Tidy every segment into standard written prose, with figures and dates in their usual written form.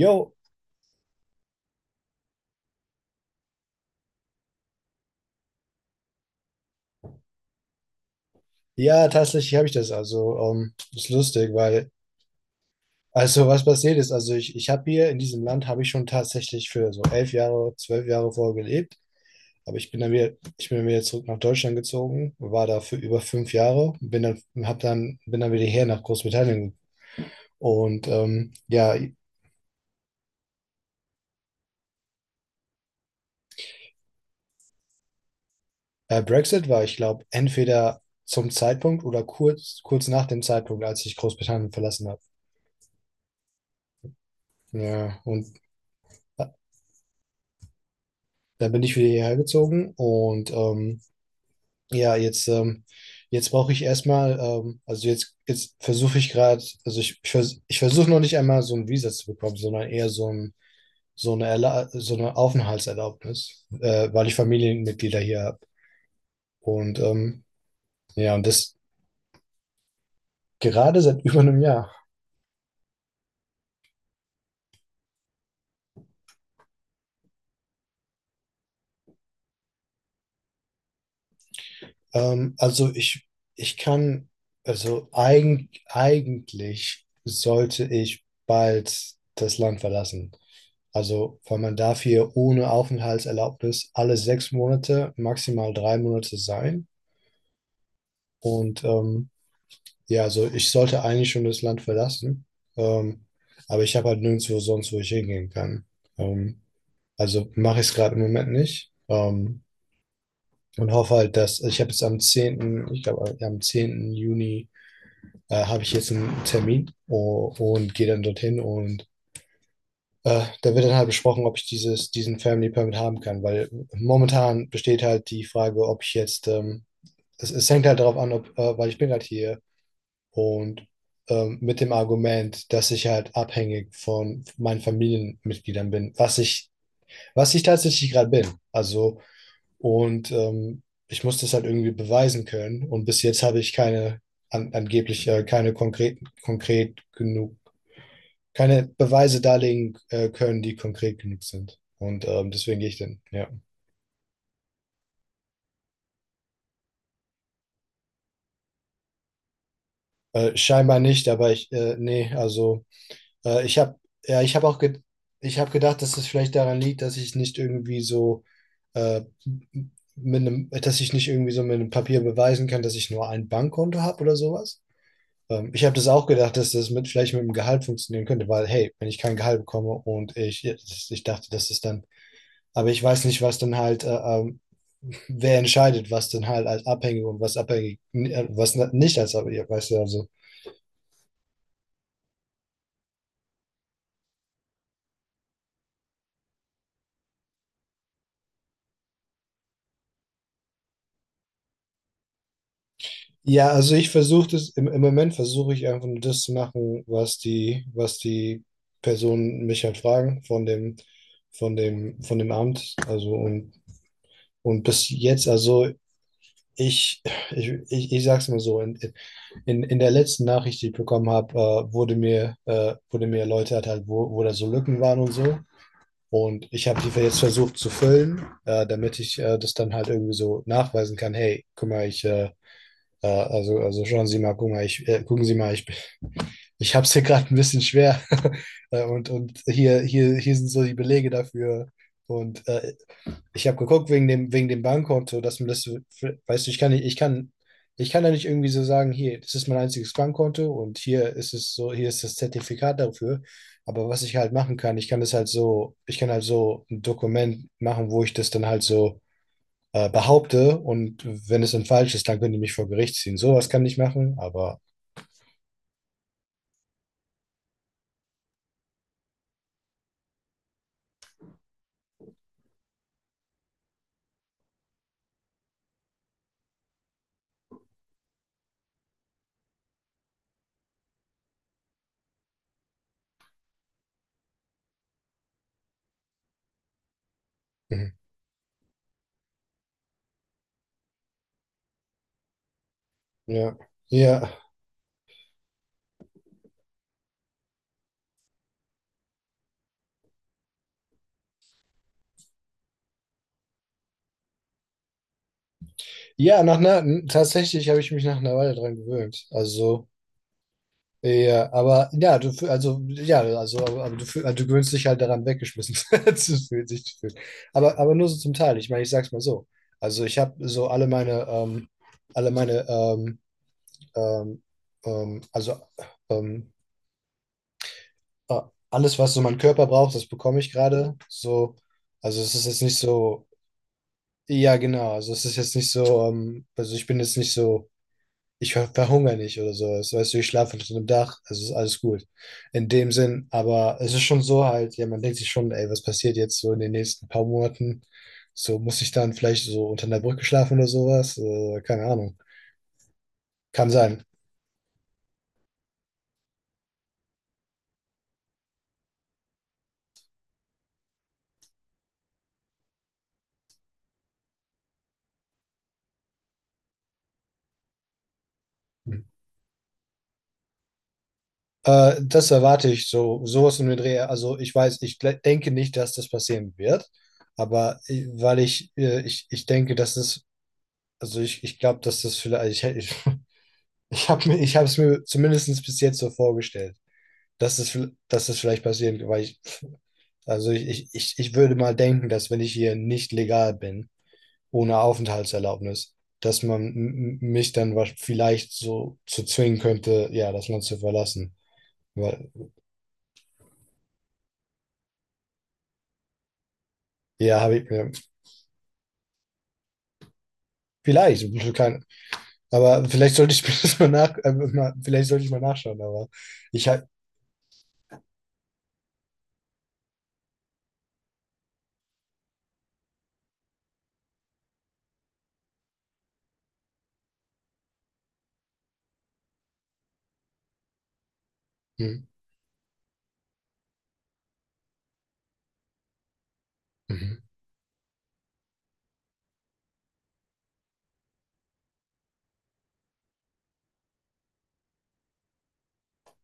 Jo, ja, tatsächlich habe ich das. Also, ist lustig, weil, also was passiert ist, also ich habe hier in diesem Land, habe ich schon tatsächlich für so 11 Jahre, 12 Jahre vorher gelebt. Aber ich bin dann wieder, Ich bin dann wieder zurück nach Deutschland gezogen, war da für über 5 Jahre, und bin dann wieder her nach Großbritannien. Und ja, Brexit war, ich glaube, entweder zum Zeitpunkt oder kurz nach dem Zeitpunkt, als ich Großbritannien verlassen habe. Ja, und äh, da bin ich wieder hierher gezogen und ja, jetzt, jetzt brauche ich erstmal, also jetzt, jetzt versuche ich gerade, also ich versuche noch nicht einmal so ein Visa zu bekommen, sondern eher so ein, so eine, Erla so eine Aufenthaltserlaubnis, weil ich Familienmitglieder hier habe. Und ja, und das gerade seit über einem Jahr. Also ich kann, also eigentlich sollte ich bald das Land verlassen. Also, weil man darf hier ohne Aufenthaltserlaubnis alle 6 Monate, maximal 3 Monate sein. Und ja, also ich sollte eigentlich schon das Land verlassen. Ähm, aber ich habe halt nirgendwo sonst, wo ich hingehen kann. Ähm, also mache ich es gerade im Moment nicht. Und hoffe halt, dass also, ich habe jetzt am 10., ich glaube am 10. Juni, habe ich jetzt einen Termin und gehe dann dorthin. Und Da wird dann halt besprochen, ob ich dieses, diesen Family Permit haben kann, weil momentan besteht halt die Frage, ob ich jetzt, es hängt halt darauf an, ob, weil ich bin halt hier und mit dem Argument, dass ich halt abhängig von meinen Familienmitgliedern bin, was ich tatsächlich gerade bin. Also, und ich muss das halt irgendwie beweisen können und bis jetzt habe ich keine, angeblich keine konkret genug, keine Beweise darlegen können, die konkret genug sind. Und deswegen gehe ich denn, ja. Scheinbar nicht, aber ich, nee, also ich habe, ja, ich habe auch, ge ich habe gedacht, dass es vielleicht daran liegt, dass ich nicht irgendwie so, äh, mit einem, dass ich nicht irgendwie so mit einem Papier beweisen kann, dass ich nur ein Bankkonto habe oder sowas. Ich habe das auch gedacht, dass das mit, vielleicht mit dem Gehalt funktionieren könnte, weil, hey, wenn ich kein Gehalt bekomme und ich dachte, dass das dann. Aber ich weiß nicht, was dann halt, ähm, wer entscheidet, was dann halt als abhängig und was abhängig, was nicht als abhängig, weißt du, also. Ja, also ich versuche das, im Moment versuche ich einfach nur das zu machen, was die Personen mich halt fragen von dem, von dem Amt. Also und bis jetzt, also ich, ich sag's mal so, in der letzten Nachricht, die ich bekommen habe, wurde mir erläutert halt, wo da so Lücken waren und so. Und ich habe die jetzt versucht zu füllen, damit ich das dann halt irgendwie so nachweisen kann. Hey, guck mal, ich, also schauen Sie mal, guck mal, ich, gucken Sie mal, ich habe es hier gerade ein bisschen schwer. Und hier sind so die Belege dafür. Und ich habe geguckt wegen dem Bankkonto, dass man das, weißt du, ich kann nicht, ich kann da nicht irgendwie so sagen, hier, das ist mein einziges Bankkonto und hier ist es so, hier ist das Zertifikat dafür. Aber was ich halt machen kann, ich kann das halt so, ich kann halt so ein Dokument machen, wo ich das dann halt so behaupte und wenn es dann falsch ist, dann können die mich vor Gericht ziehen. Sowas kann ich machen, aber. Mhm. ja. Ja. Ja, nach einer, tatsächlich habe ich mich nach einer Weile dran gewöhnt. Also, ja, aber ja, also ja, also aber also, du gewöhnst dich halt daran, weggeschmissen zu fühlen, sich zu fühlen. Aber nur so zum Teil. Ich meine, ich sag's mal so. Also ich habe so alle meine ähm, ähm, also ähm, äh, alles, was so mein Körper braucht, das bekomme ich gerade. So, also es ist jetzt nicht so. Ja, genau. Also es ist jetzt nicht so. Also ich bin jetzt nicht so, ich verhungere nicht oder sowas. Weißt du, ich schlafe unter einem Dach, also ist alles gut. In dem Sinn, aber es ist schon so halt, ja, man denkt sich schon, ey, was passiert jetzt so in den nächsten paar Monaten? So muss ich dann vielleicht so unter einer Brücke schlafen oder sowas? Keine Ahnung. Kann sein. Das erwarte ich so, sowas in den Dreh. Also ich weiß, ich denke nicht, dass das passieren wird, aber weil ich, ich denke, dass es, also ich glaube, dass das vielleicht, ich, ich habe es mir zumindest bis jetzt so vorgestellt. Dass es, dass es vielleicht passiert, weil ich, also ich würde mal denken, dass wenn ich hier nicht legal bin, ohne Aufenthaltserlaubnis, dass man mich dann vielleicht so zu zwingen könnte, ja, das Land zu verlassen. Weil, ja, habe ich mir, vielleicht, kein, aber vielleicht sollte ich mir das mal nach, mal, vielleicht sollte ich mal nachschauen, aber ich habe. Hm. Mhm.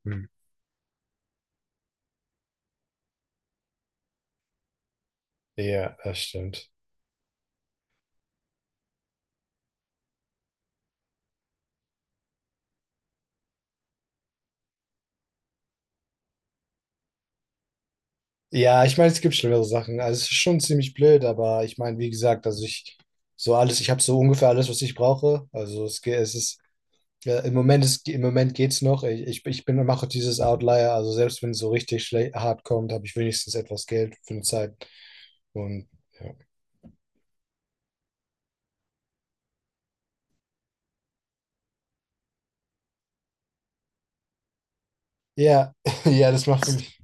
Hm. Ja, das stimmt. Ja, ich meine, es gibt schlimmere Sachen. Also es ist schon ziemlich blöd, aber ich meine, wie gesagt, also ich so alles, ich habe so ungefähr alles, was ich brauche. Also es geht, es ist ja, im Moment ist, im Moment geht's noch. Ich bin mache dieses Outlier, also selbst wenn es so richtig schlecht hart kommt, habe ich wenigstens etwas Geld für eine Zeit. Und ja, ja, ja, das macht für mich.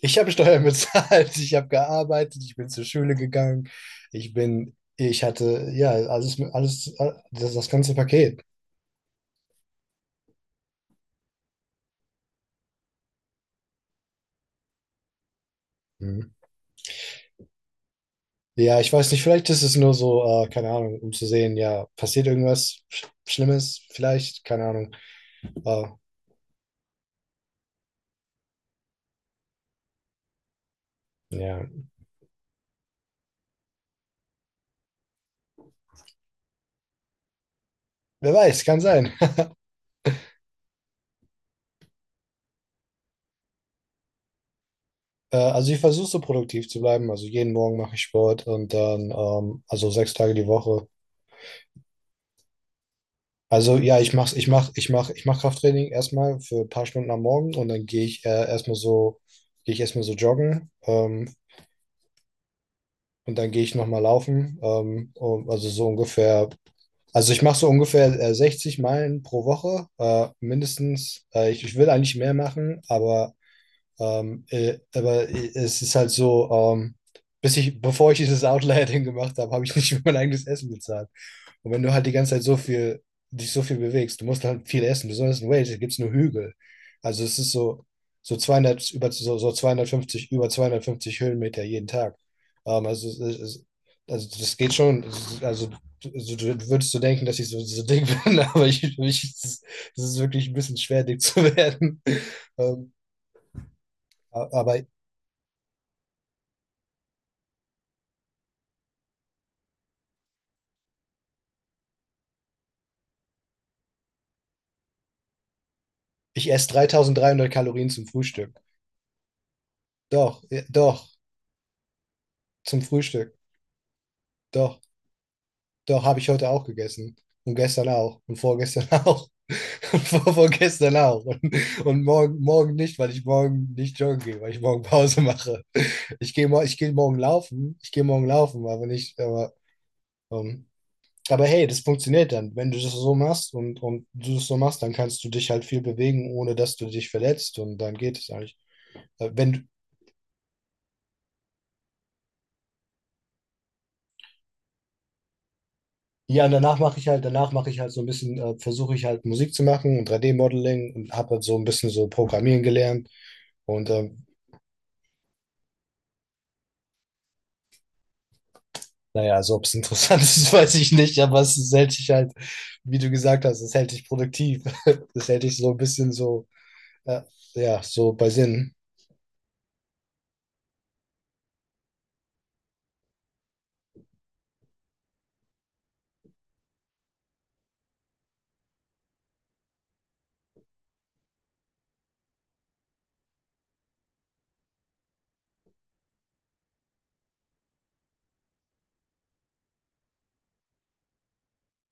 Ich habe Steuern bezahlt, ich habe gearbeitet, ich bin zur Schule gegangen, ich bin, ich hatte ja alles, alles, das ganze Paket. Mhm. Ja, ich weiß nicht, vielleicht ist es nur so, keine Ahnung, um zu sehen, ja, passiert irgendwas Schlimmes, vielleicht, keine Ahnung. Äh, ja, wer weiß, kann sein. Also ich versuche so produktiv zu bleiben. Also jeden Morgen mache ich Sport und dann, also 6 Tage die Woche. Also ja, ich mach's, ich mach, ich mach, ich mach Krafttraining erstmal für ein paar Stunden am Morgen und dann gehe ich erstmal so, joggen, und dann gehe ich nochmal laufen. Um, also ich mache so ungefähr 60 Meilen pro Woche, mindestens. Ich will eigentlich mehr machen, aber, aber es ist halt so, bis ich, bevor ich dieses Outlier-Ding gemacht habe, habe ich nicht für mein eigenes Essen bezahlt. Und wenn du halt die ganze Zeit so viel, dich so viel bewegst, du musst halt viel essen. Besonders in Wales gibt es nur Hügel. Also es ist so, so 200, über, so, so 250, über 250 Höhenmeter jeden Tag. Also, also das geht schon. Also du würdest so denken, dass ich so, so dick bin, aber es ist es ist wirklich ein bisschen schwer, dick zu werden. Ähm, aber ich esse 3300 Kalorien zum Frühstück. Doch, ja, doch, zum Frühstück. Doch. Doch, habe ich heute auch gegessen. Und gestern auch. Und vorgestern auch. Und vorgestern auch. und, morgen nicht, weil ich morgen nicht joggen gehe, weil ich morgen Pause mache. Ich gehe morgen laufen. Ich gehe morgen laufen, aber nicht. Ähm, aber hey, das funktioniert dann. Wenn du das so machst und du das so machst, dann kannst du dich halt viel bewegen, ohne dass du dich verletzt. Und dann geht es eigentlich. Wenn, du- Ja, und danach mache ich halt so ein bisschen, versuche ich halt Musik zu machen und 3D-Modeling, und habe halt so ein bisschen so Programmieren gelernt. Und naja, also ob es interessant ist, weiß ich nicht, aber es hält dich halt, wie du gesagt hast, es hält dich produktiv. Das hält dich so ein bisschen so, äh, ja, so bei Sinn.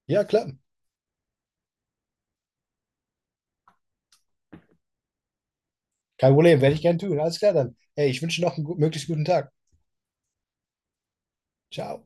Ja, klar. Kein Problem, werde ich gern tun. Alles klar dann. Ey, ich wünsche noch einen möglichst guten Tag. Ciao.